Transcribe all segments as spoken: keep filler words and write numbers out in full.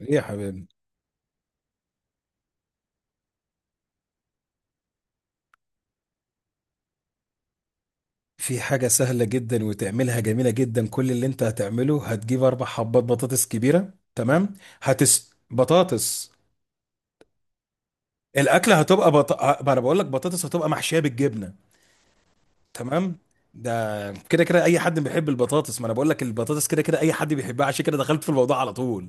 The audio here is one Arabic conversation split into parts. ايه يا حبيبي. في حاجة سهلة جدا وتعملها جميلة جدا. كل اللي انت هتعمله، هتجيب اربع حبات بطاطس كبيرة. تمام؟ هتس بطاطس. الاكلة هتبقى بط... ما انا بقول لك بطاطس هتبقى محشية بالجبنة. تمام. ده كده كده اي حد بيحب البطاطس. ما انا بقول لك البطاطس كده كده اي حد بيحبها، عشان كده دخلت في الموضوع على طول.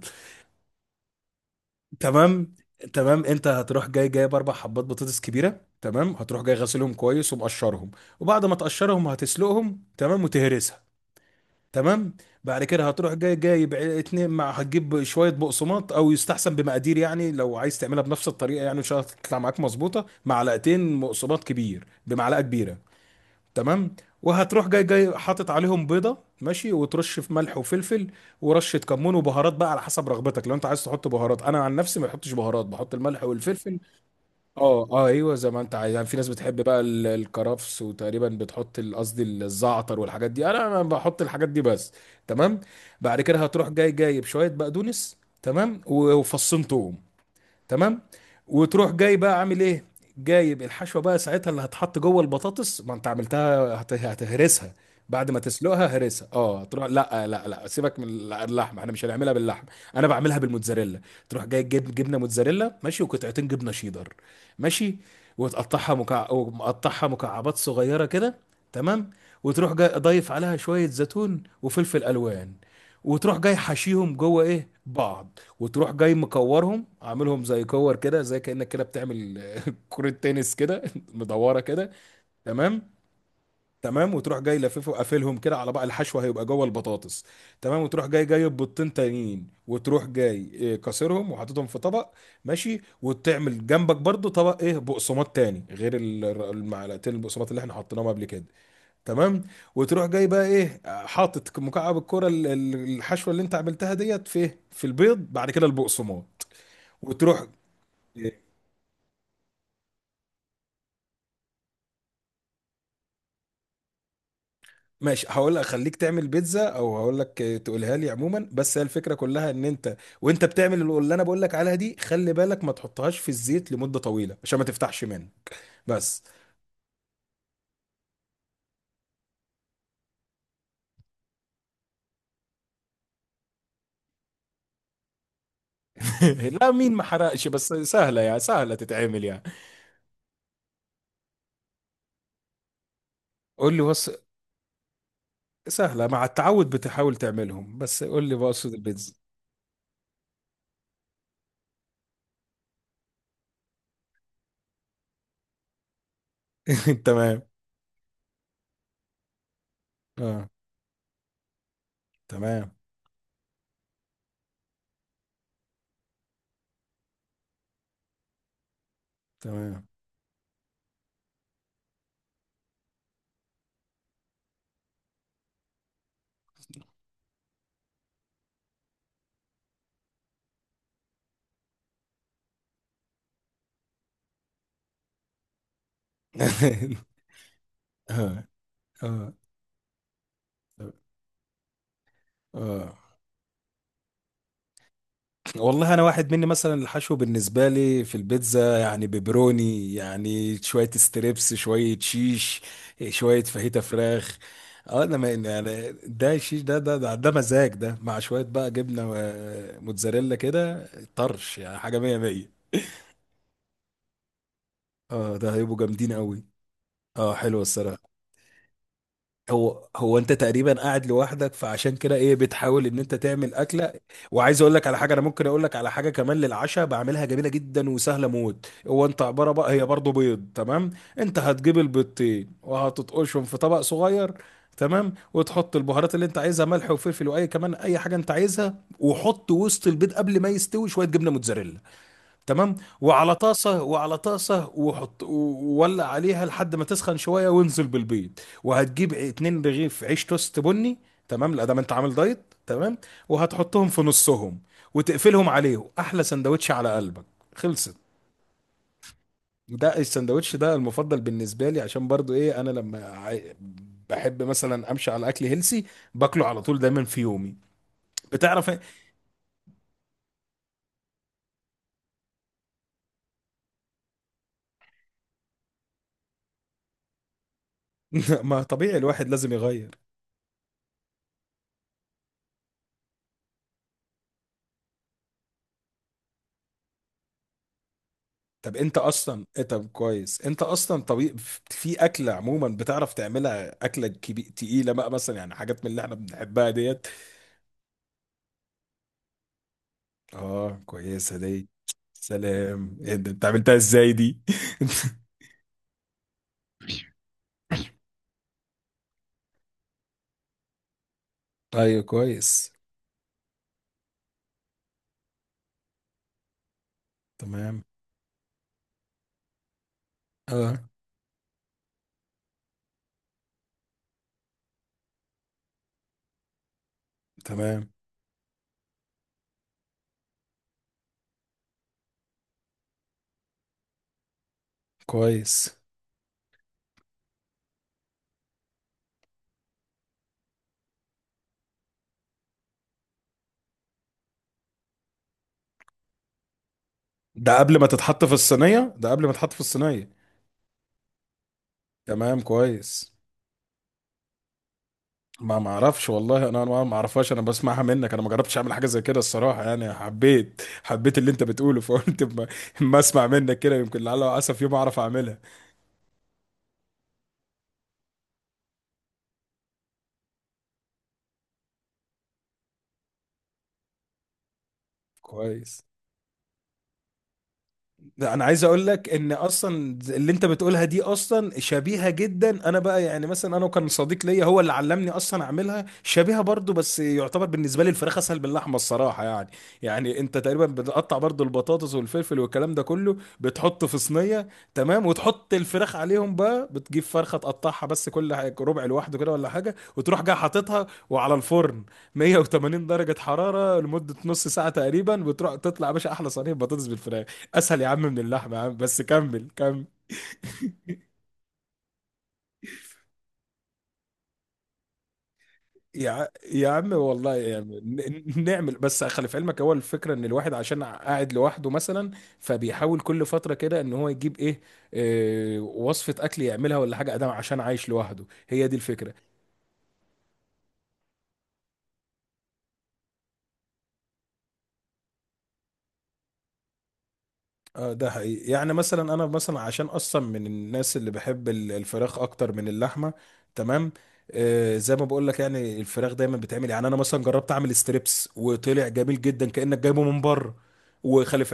تمام. تمام، انت هتروح جاي جايب اربع حبات بطاطس كبيرة. تمام. هتروح جاي غاسلهم كويس ومقشرهم، وبعد ما تقشرهم هتسلقهم. تمام، وتهرسهم. تمام. بعد كده هتروح جاي جايب ع- اتنين مع هتجيب شويه بقسماط، او يستحسن بمقادير، يعني لو عايز تعملها بنفس الطريقه، يعني ان شاء الله تطلع معاك مظبوطه، معلقتين بقسماط كبير بمعلقه كبيره. تمام. وهتروح جاي جاي حاطط عليهم بيضه، ماشي، وترش في ملح وفلفل ورشه كمون وبهارات بقى على حسب رغبتك. لو انت عايز تحط بهارات. انا عن نفسي ما بحطش بهارات، بحط الملح والفلفل. اه اه، ايوه زي ما انت عايز. يعني في ناس بتحب بقى ال- الكرفس، وتقريبا بتحط ال- قصدي ال- الزعتر والحاجات دي. انا ما بحط الحاجات دي بس. تمام. بعد كده هتروح جاي جايب شويه بقدونس. تمام، و- وفصين توم. تمام. وتروح جاي بقى عامل ايه؟ جايب الحشوه بقى ساعتها اللي هتحط جوه البطاطس، ما انت عملتها هت- هتهرسها. بعد ما تسلقها هرسها، اه، تروح. لا لا لا، سيبك من ال- اللحمه، احنا مش هنعملها باللحمه. انا بعملها بالموتزاريلا. تروح جاي جيب جبنه موتزاريلا، ماشي، وقطعتين جبنه شيدر. ماشي. وتقطعها مكع... ومقطعها مكعبات صغيره كده. تمام. وتروح جاي ضايف عليها شويه زيتون وفلفل الوان، وتروح جاي حشيهم جوه ايه بعض، وتروح جاي مكورهم، عاملهم زي كور كده، زي كأنك كده بتعمل كرة تنس كده مدورة كده. تمام. تمام، وتروح جاي لففه وقافلهم كده على بقى، الحشوة هيبقى جوه البطاطس. تمام. وتروح جاي جايب بيضتين تانيين، وتروح جاي إيه، كسرهم وحاططهم في طبق. ماشي. وتعمل جنبك برضو طبق ايه بقسماط تاني غير ال- المعلقتين البقسماط اللي احنا حطيناهم قبل كده. تمام. وتروح جاي بقى، ايه؟ حاطط مكعب الكرة ال- ال- الحشوة اللي انت عملتها ديت في في البيض، بعد كده البقسماط. وتروح. ماشي، هقول لك خليك تعمل بيتزا، او هقول لك تقولها لي عموما. بس هي الفكره كلها، ان انت وانت بتعمل اللي اللي انا بقول لك عليها دي، خلي بالك ما تحطهاش في الزيت لمده طويله، عشان ما تفتحش منه. بس. لا، مين ما حرقش؟ بس سهله، يعني سهله تتعمل يعني. قول لي. بص، سهله مع التعود، بتحاول تعملهم. بس قول لي، بقصد البيتزا. تمام. اه. تمام، تمام. اه اه. اه والله، انا واحد مني مثلا الحشو بالنسبه لي في البيتزا، يعني بيبروني، يعني شويه ستريبس، شويه شيش، شويه فاهيتا فراخ. اه. انا، ما يعني، ده الشيش ده ده ده, ده مزاج، ده مع شويه بقى جبنه و- موتزاريلا كده، طرش، يعني حاجه مية مية. اه، ده هيبقوا جامدين قوي. اه، حلو الصراحه. هو، هو انت تقريبا قاعد لوحدك، فعشان كده ايه بتحاول ان انت تعمل اكله. وعايز اقول لك على حاجه. انا ممكن اقول لك على حاجه كمان للعشاء، بعملها جميله جدا وسهله موت. هو انت عباره بقى، هي برضو بيض. تمام. انت هتجيب البيضتين وهتطقشهم في طبق صغير. تمام. وتحط البهارات اللي انت عايزها، ملح وفلفل، واي كمان اي حاجه انت عايزها. وحط وسط البيض، قبل ما يستوي، شويه جبنه موتزاريلا. تمام. وعلى طاسة وعلى طاسة، وحط وولع عليها لحد ما تسخن شوية، وانزل بالبيض. وهتجيب اتنين رغيف عيش توست بني. تمام، لا، ده ما انت عامل دايت. تمام. وهتحطهم في نصهم وتقفلهم عليه، احلى سندوتش على قلبك. خلصت. ده السندوتش ده المفضل بالنسبة لي، عشان برضو ايه انا لما عاي- بحب مثلا امشي على اكل هيلسي، باكله على طول دايما في يومي. بتعرف إيه؟ ما طبيعي، الواحد لازم يغير. طب انت اصلا إيه طب كويس، انت اصلا طبيب. في اكله عموما بتعرف تعملها، اكله كبي... تقيله بقى، مثلا، يعني، حاجات من اللي احنا بنحبها ديت. اه، كويسه دي. سلام، ايه ده، انت عملتها ازاي دي؟ ايوه، كويس. تمام. اه. تمام، كويس. ده قبل ما تتحط في الصينيه، ده قبل ما تتحط في الصينيه. تمام، كويس. ما ما اعرفش والله، انا ما ما اعرفهاش، انا بسمعها منك. انا ما جربتش اعمل حاجه زي كده الصراحه، يعني حبيت حبيت اللي انت بتقوله، فقلت ما, ما اسمع منك كده، يمكن لعل وعسى في يوم اعرف اعملها. كويس. لا، انا عايز اقول لك ان اصلا اللي انت بتقولها دي اصلا شبيهه جدا. انا بقى، يعني مثلا، انا وكان صديق ليا هو اللي علمني اصلا اعملها شبيهه برضو. بس يعتبر بالنسبه لي الفراخ اسهل باللحمه الصراحه يعني. يعني انت تقريبا بتقطع برضو البطاطس والفلفل والكلام ده كله، بتحطه في صينيه. تمام. وتحط الفراخ عليهم بقى، بتجيب فرخه تقطعها بس كل حاجة- ربع لوحده كده ولا حاجه، وتروح جاي حاططها وعلى الفرن، مية وثمانين درجه حراره لمده نص ساعه تقريبا. بتروح تطلع يا باشا احلى صينيه بطاطس بالفراخ. اسهل يا عم من اللحمه يا عم، بس كمل كمل. يا ع- يا عم والله يا عم، ن- ن- نعمل بس. خلي في علمك، هو الفكره ان الواحد عشان قاعد لوحده مثلا، فبيحاول كل فتره كده ان هو يجيب ايه, إيه وصفه اكل يعملها ولا حاجه ادام، عشان عايش لوحده. هي دي الفكره. اه، ده حقيقي. يعني مثلا انا، مثلا عشان اصلا من الناس اللي بحب ال- الفراخ اكتر من اللحمه. تمام. آه زي ما بقول لك، يعني الفراخ دايما بتعمل، يعني انا مثلا جربت اعمل ستريبس وطلع جميل جدا كانك جايبه من بره. وخلف.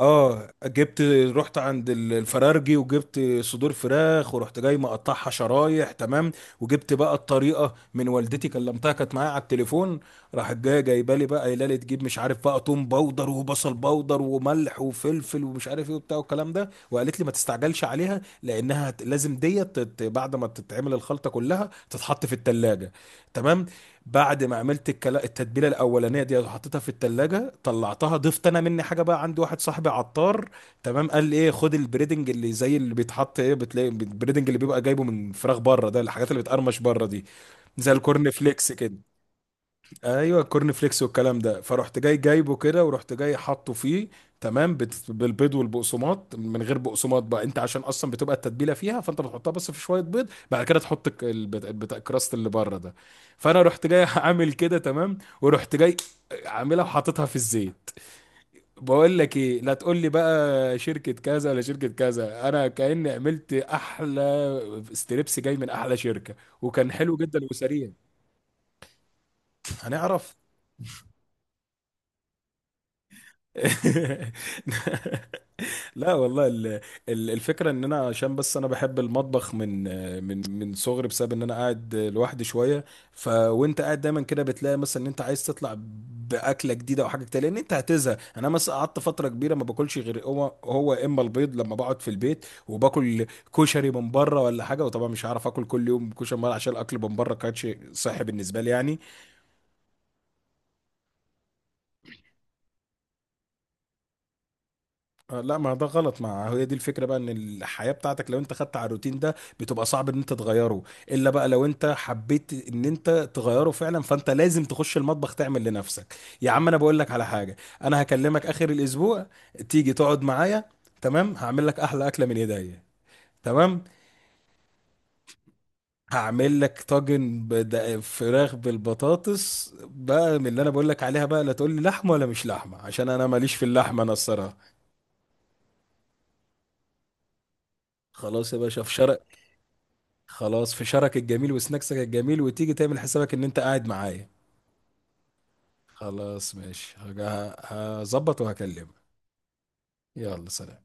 اه جبت، رحت عند ال- الفرارجي وجبت صدور فراخ، ورحت جاي مقطعها شرايح. تمام. وجبت بقى الطريقه من والدتي، كلمتها كانت معايا على التليفون، راحت جايه جايبه لي بقى قايله لي تجيب، مش عارف بقى، توم باودر وبصل باودر وملح وفلفل ومش عارف ايه وبتاع والكلام ده، وقالت لي ما تستعجلش عليها، لانها هت- لازم ديت تت- بعد ما تتعمل الخلطه كلها تتحط في التلاجة. تمام. بعد ما عملت الكلا... التتبيله الاولانيه دي وحطيتها في التلاجة، طلعتها، ضفت انا مني حاجه بقى. عندي واحد صاحبي عطار، تمام، قال لي ايه خد البريدنج اللي زي اللي بيتحط ايه بتلاقي البريدنج اللي بيبقى جايبه من فراخ بره ده، الحاجات اللي بتقرمش بره دي، زي الكورن فليكس كده. ايوه، الكورن فليكس والكلام ده، فرحت جاي جايبه كده، ورحت جاي حاطه فيه. تمام. بت- بالبيض والبقسماط، من غير بقسماط بقى انت، عشان اصلا بتبقى التتبيله فيها، فانت بتحطها بس في شويه بيض، بعد كده تحط الك- البت- البتاع الكراست اللي بره ده. فانا رحت جاي عامل كده. تمام. ورحت جاي عاملها وحاططها في الزيت. بقول لك ايه، لا تقول لي بقى شركه كذا ولا شركه كذا، انا كاني عملت احلى ستريبس جاي من احلى شركه. وكان حلو جدا وسريع. هنعرف. لا والله، ال- ال- الفكره ان انا، عشان بس انا بحب المطبخ من من من صغري، بسبب ان انا قاعد لوحدي شويه. فوانت قاعد دايما كده بتلاقي مثلا ان انت عايز تطلع باكله جديده او حاجه جديده، لان انت هتزهق. انا مثلا قعدت فتره كبيره ما باكلش غير هو هو، اما البيض لما بقعد في البيت، وباكل كشري من بره ولا حاجه. وطبعا مش هعرف اكل كل يوم كشري من بره، عشان الاكل من بره كانش صحي بالنسبه لي يعني. آه، لا، ما ده غلط. ما هي دي الفكره بقى، ان الحياه بتاعتك لو انت خدت على الروتين ده، بتبقى صعب ان انت تغيره، الا بقى لو انت حبيت ان انت تغيره فعلا، فانت لازم تخش المطبخ تعمل لنفسك. يا عم انا بقول لك على حاجه، انا هكلمك اخر الاسبوع، تيجي تقعد معايا. تمام، هعمل لك احلى اكله من ايديا. تمام، هعمل لك طاجن بد- فراخ بالبطاطس بقى، من اللي انا بقول لك عليها بقى. لا تقول لي لحمه ولا مش لحمه، عشان انا ماليش في اللحمه انا الصراحه. خلاص يا باشا، في شرق. خلاص، فشارك الجميل وسناكسك الجميل، وتيجي تعمل حسابك ان انت قاعد معايا. خلاص، ماشي، هج- ه- هظبط وهكلمك. يلا، سلام.